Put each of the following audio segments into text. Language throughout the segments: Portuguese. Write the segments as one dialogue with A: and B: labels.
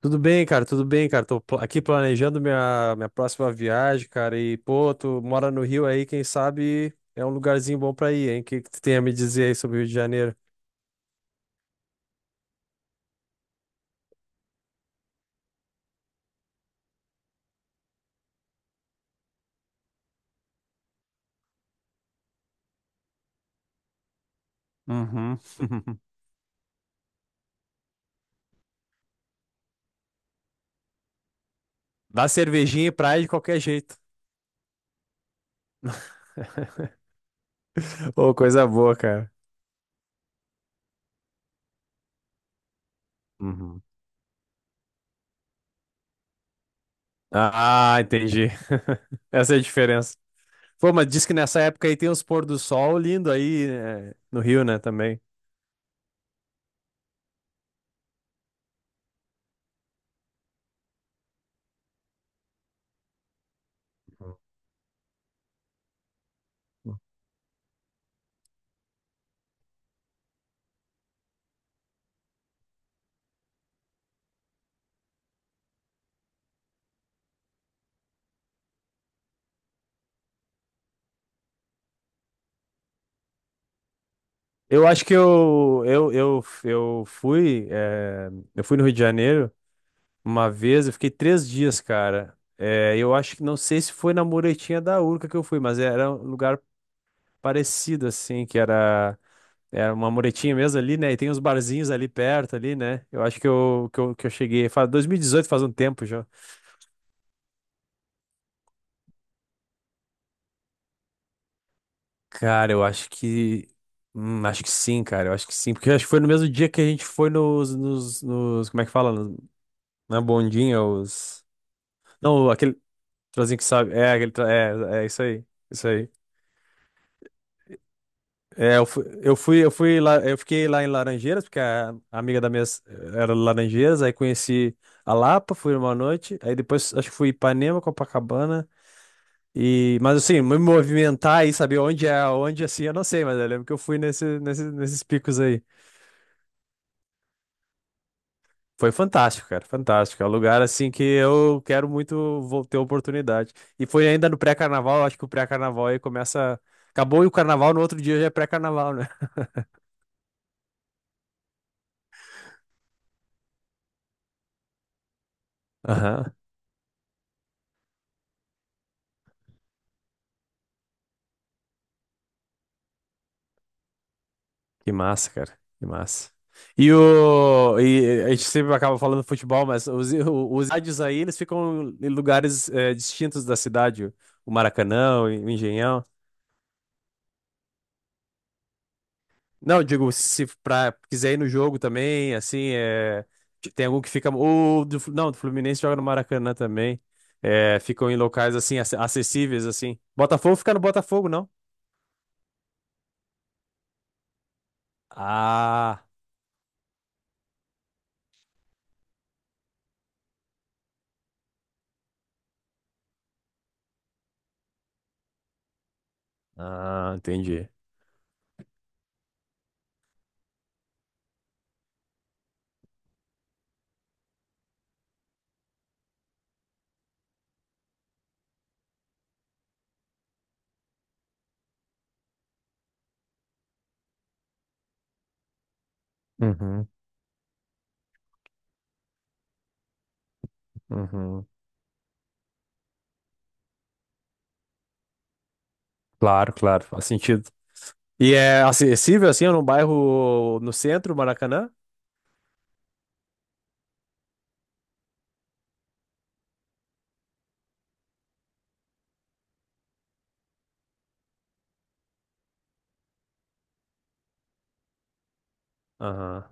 A: Tudo bem, cara, tudo bem, cara. Aqui planejando minha próxima viagem, cara. E, pô, tu mora no Rio aí, quem sabe é um lugarzinho bom pra ir, hein? O que que tu tem a me dizer aí sobre o Rio de Janeiro? Uhum. Dá cervejinha e praia de qualquer jeito. Ô, coisa boa, cara. Uhum. Ah, entendi. Essa é a diferença. Pô, mas diz que nessa época aí tem uns pôr do sol lindo aí, né, no Rio, né, também. Eu acho que eu fui, eh, eu fui no Rio de Janeiro uma vez, eu fiquei três dias, cara. Eu acho que não sei se foi na muretinha da Urca que eu fui, mas era um lugar parecido, assim, era uma muretinha mesmo ali, né? E tem uns barzinhos ali perto, ali, né? Eu acho que eu cheguei. Faz 2018, faz um tempo já. Cara, eu acho que acho que sim, cara. Eu acho que sim. Porque eu acho que foi no mesmo dia que a gente foi como é que fala? Na bondinha, os. Não, aquele trozinho que sabe. É, é isso aí. Isso aí. Eu fui lá, eu fiquei lá em Laranjeiras, porque a amiga da minha s- era de Laranjeiras, aí conheci a Lapa, fui uma noite, aí depois acho que fui Ipanema, Copacabana, e, mas assim, me movimentar e saber onde é, onde assim, eu não sei, mas eu lembro que eu fui nesses picos aí. Foi fantástico, cara, fantástico. É um lugar assim que eu quero muito vou ter oportunidade. E foi ainda no pré-carnaval, acho que o pré-carnaval aí começa. Acabou e o carnaval, no outro dia já é pré-carnaval, né? Aham. Que massa, cara, que massa. E o. E a gente sempre acaba falando futebol, mas os estádios aí, eles ficam em lugares distintos da cidade. O Maracanã, o Engenhão. Não, digo, se pra, quiser ir no jogo também, assim, é, tem algum que fica. O, do, Flu- não, do Fluminense joga no Maracanã também. É, ficam em locais, assim, acessíveis, assim. Botafogo fica no Botafogo, não? Ah, ah, entendi. Uhum, uhum. Claro, claro, faz sentido. E é acessível, assim, num bairro no centro, Maracanã? Aham,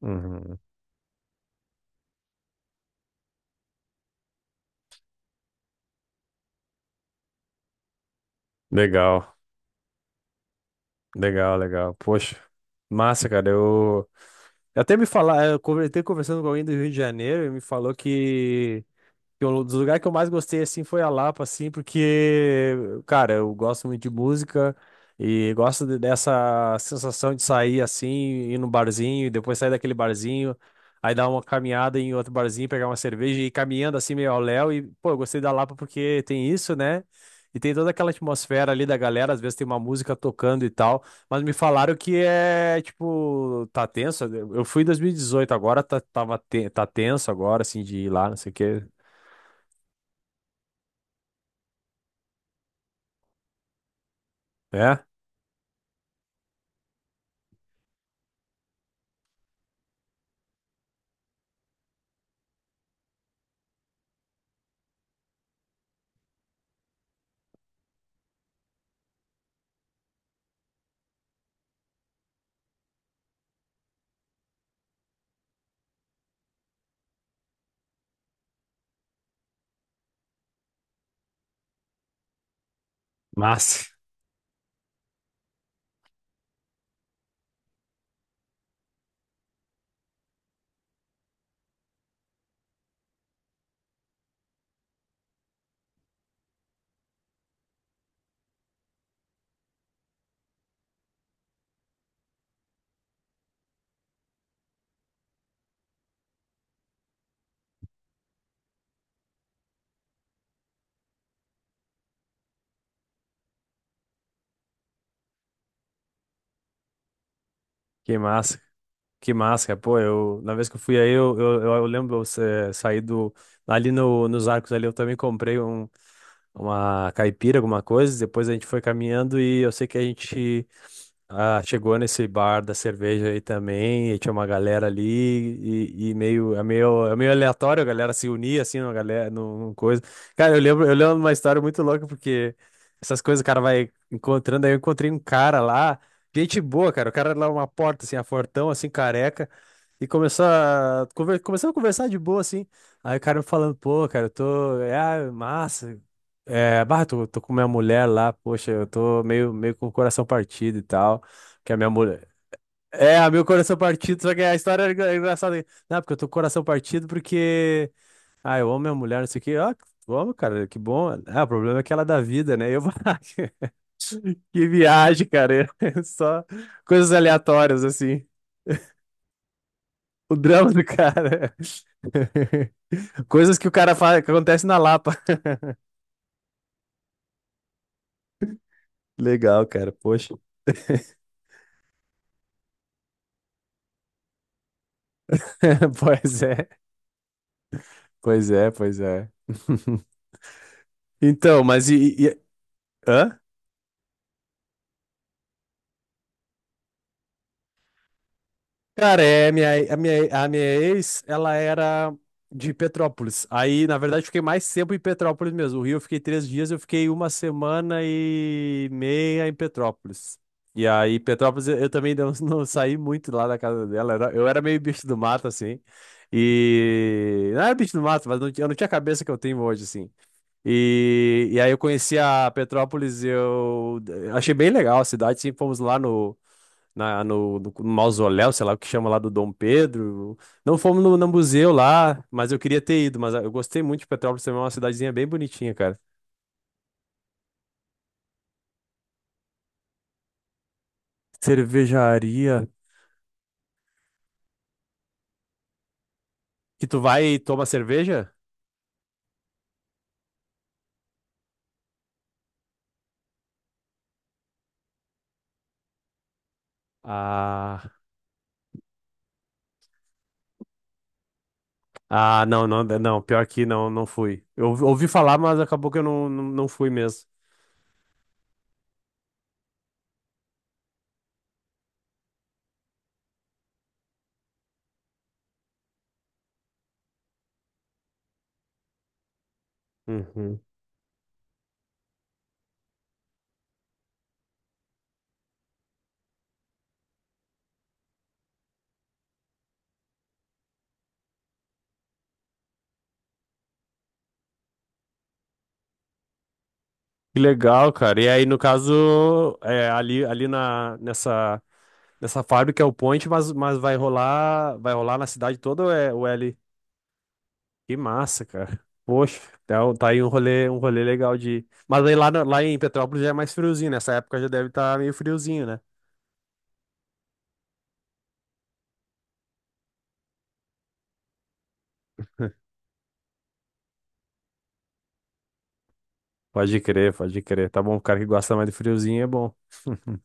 A: uhum. Legal, legal, legal. Poxa, massa, cara, eu. Eu até me falar, até conversando com alguém do Rio de Janeiro, ele me falou que dos lugares que eu mais gostei, assim, foi a Lapa, assim, porque, cara, eu gosto muito de música e dessa sensação de sair, assim, ir num barzinho e depois sair daquele barzinho, aí dar uma caminhada em outro barzinho, pegar uma cerveja e ir caminhando, assim, meio ao léu. E, pô, eu gostei da Lapa porque tem isso, né? E tem toda aquela atmosfera ali da galera, às vezes tem uma música tocando e tal, mas me falaram que é, tipo, tá tenso. Eu fui em 2018, agora tá, tá tenso agora, assim, de ir lá, não sei o quê. É? Massa. Que massa. Que massa, cara. Pô, eu, na vez que eu fui aí, eu lembro, saí do, ali no, nos Arcos ali, eu também comprei um, uma caipira, alguma coisa, depois a gente foi caminhando e eu sei que a gente chegou nesse bar da cerveja aí também, e tinha uma galera ali, e, é meio aleatório a galera se unir, assim, uma galera, num coisa. Cara, eu lembro de uma história muito louca, porque essas coisas o cara vai encontrando, aí eu encontrei um cara lá, gente boa, cara, o cara lá uma porta, assim, a fortão, assim, careca, e começamos a conversar de boa, assim, aí o cara me falando, pô, cara, eu tô, é, ah, massa, é, bah, tô com minha mulher lá, poxa, eu tô meio com o coração partido e tal. Que a minha mulher. É, a meu coração partido, só que a história é é engraçada. Não, porque eu tô com o coração partido porque. Ah, eu amo minha mulher, não sei o quê. Ah, vamos, cara, que bom. Ah, o problema é que ela dá vida, né? Eu vou. Que viagem, cara. Só coisas aleatórias, assim. O drama do cara. Coisas que o cara faz, que acontece na Lapa. Legal, cara, poxa. Pois é, pois é, pois é. Então, mas e. E... e- Hã? Cara, é, minha, a minha ex, ela era de Petrópolis. Aí, na verdade, eu fiquei mais tempo em Petrópolis mesmo. O Rio eu fiquei três dias, eu fiquei uma semana e meia em Petrópolis. E aí, Petrópolis, eu também não, não saí muito lá da casa dela. Eu era meio bicho do mato, assim. E. Não era bicho do mato, mas eu não tinha a cabeça que eu tenho hoje, assim. E aí, eu conheci a Petrópolis, eu achei bem legal a cidade, sim, fomos lá no na, no, no mausoléu, sei lá o que chama lá do Dom Pedro. Não fomos no, No museu lá, mas eu queria ter ido, mas ah, eu gostei muito de Petrópolis também, é uma cidadezinha bem bonitinha, cara. Cervejaria. Que tu vai e toma cerveja? Ah, não, não, não, pior que não, não fui. Eu ouvi falar, mas acabou que eu não fui mesmo. Uhum. Que legal, cara. E aí, no caso, é, ali, nessa nessa fábrica é o Point, mas vai rolar na cidade toda ou é o L? Que massa, cara. Poxa, então tá aí um rolê legal de. Mas aí lá, lá em Petrópolis já é mais friozinho, nessa época já deve estar meio friozinho, né? Pode crer, pode crer. Tá bom, o cara que gosta mais de friozinho é bom.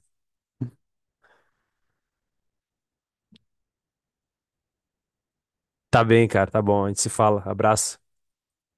A: Tá bem, cara, tá bom. A gente se fala. Abraço.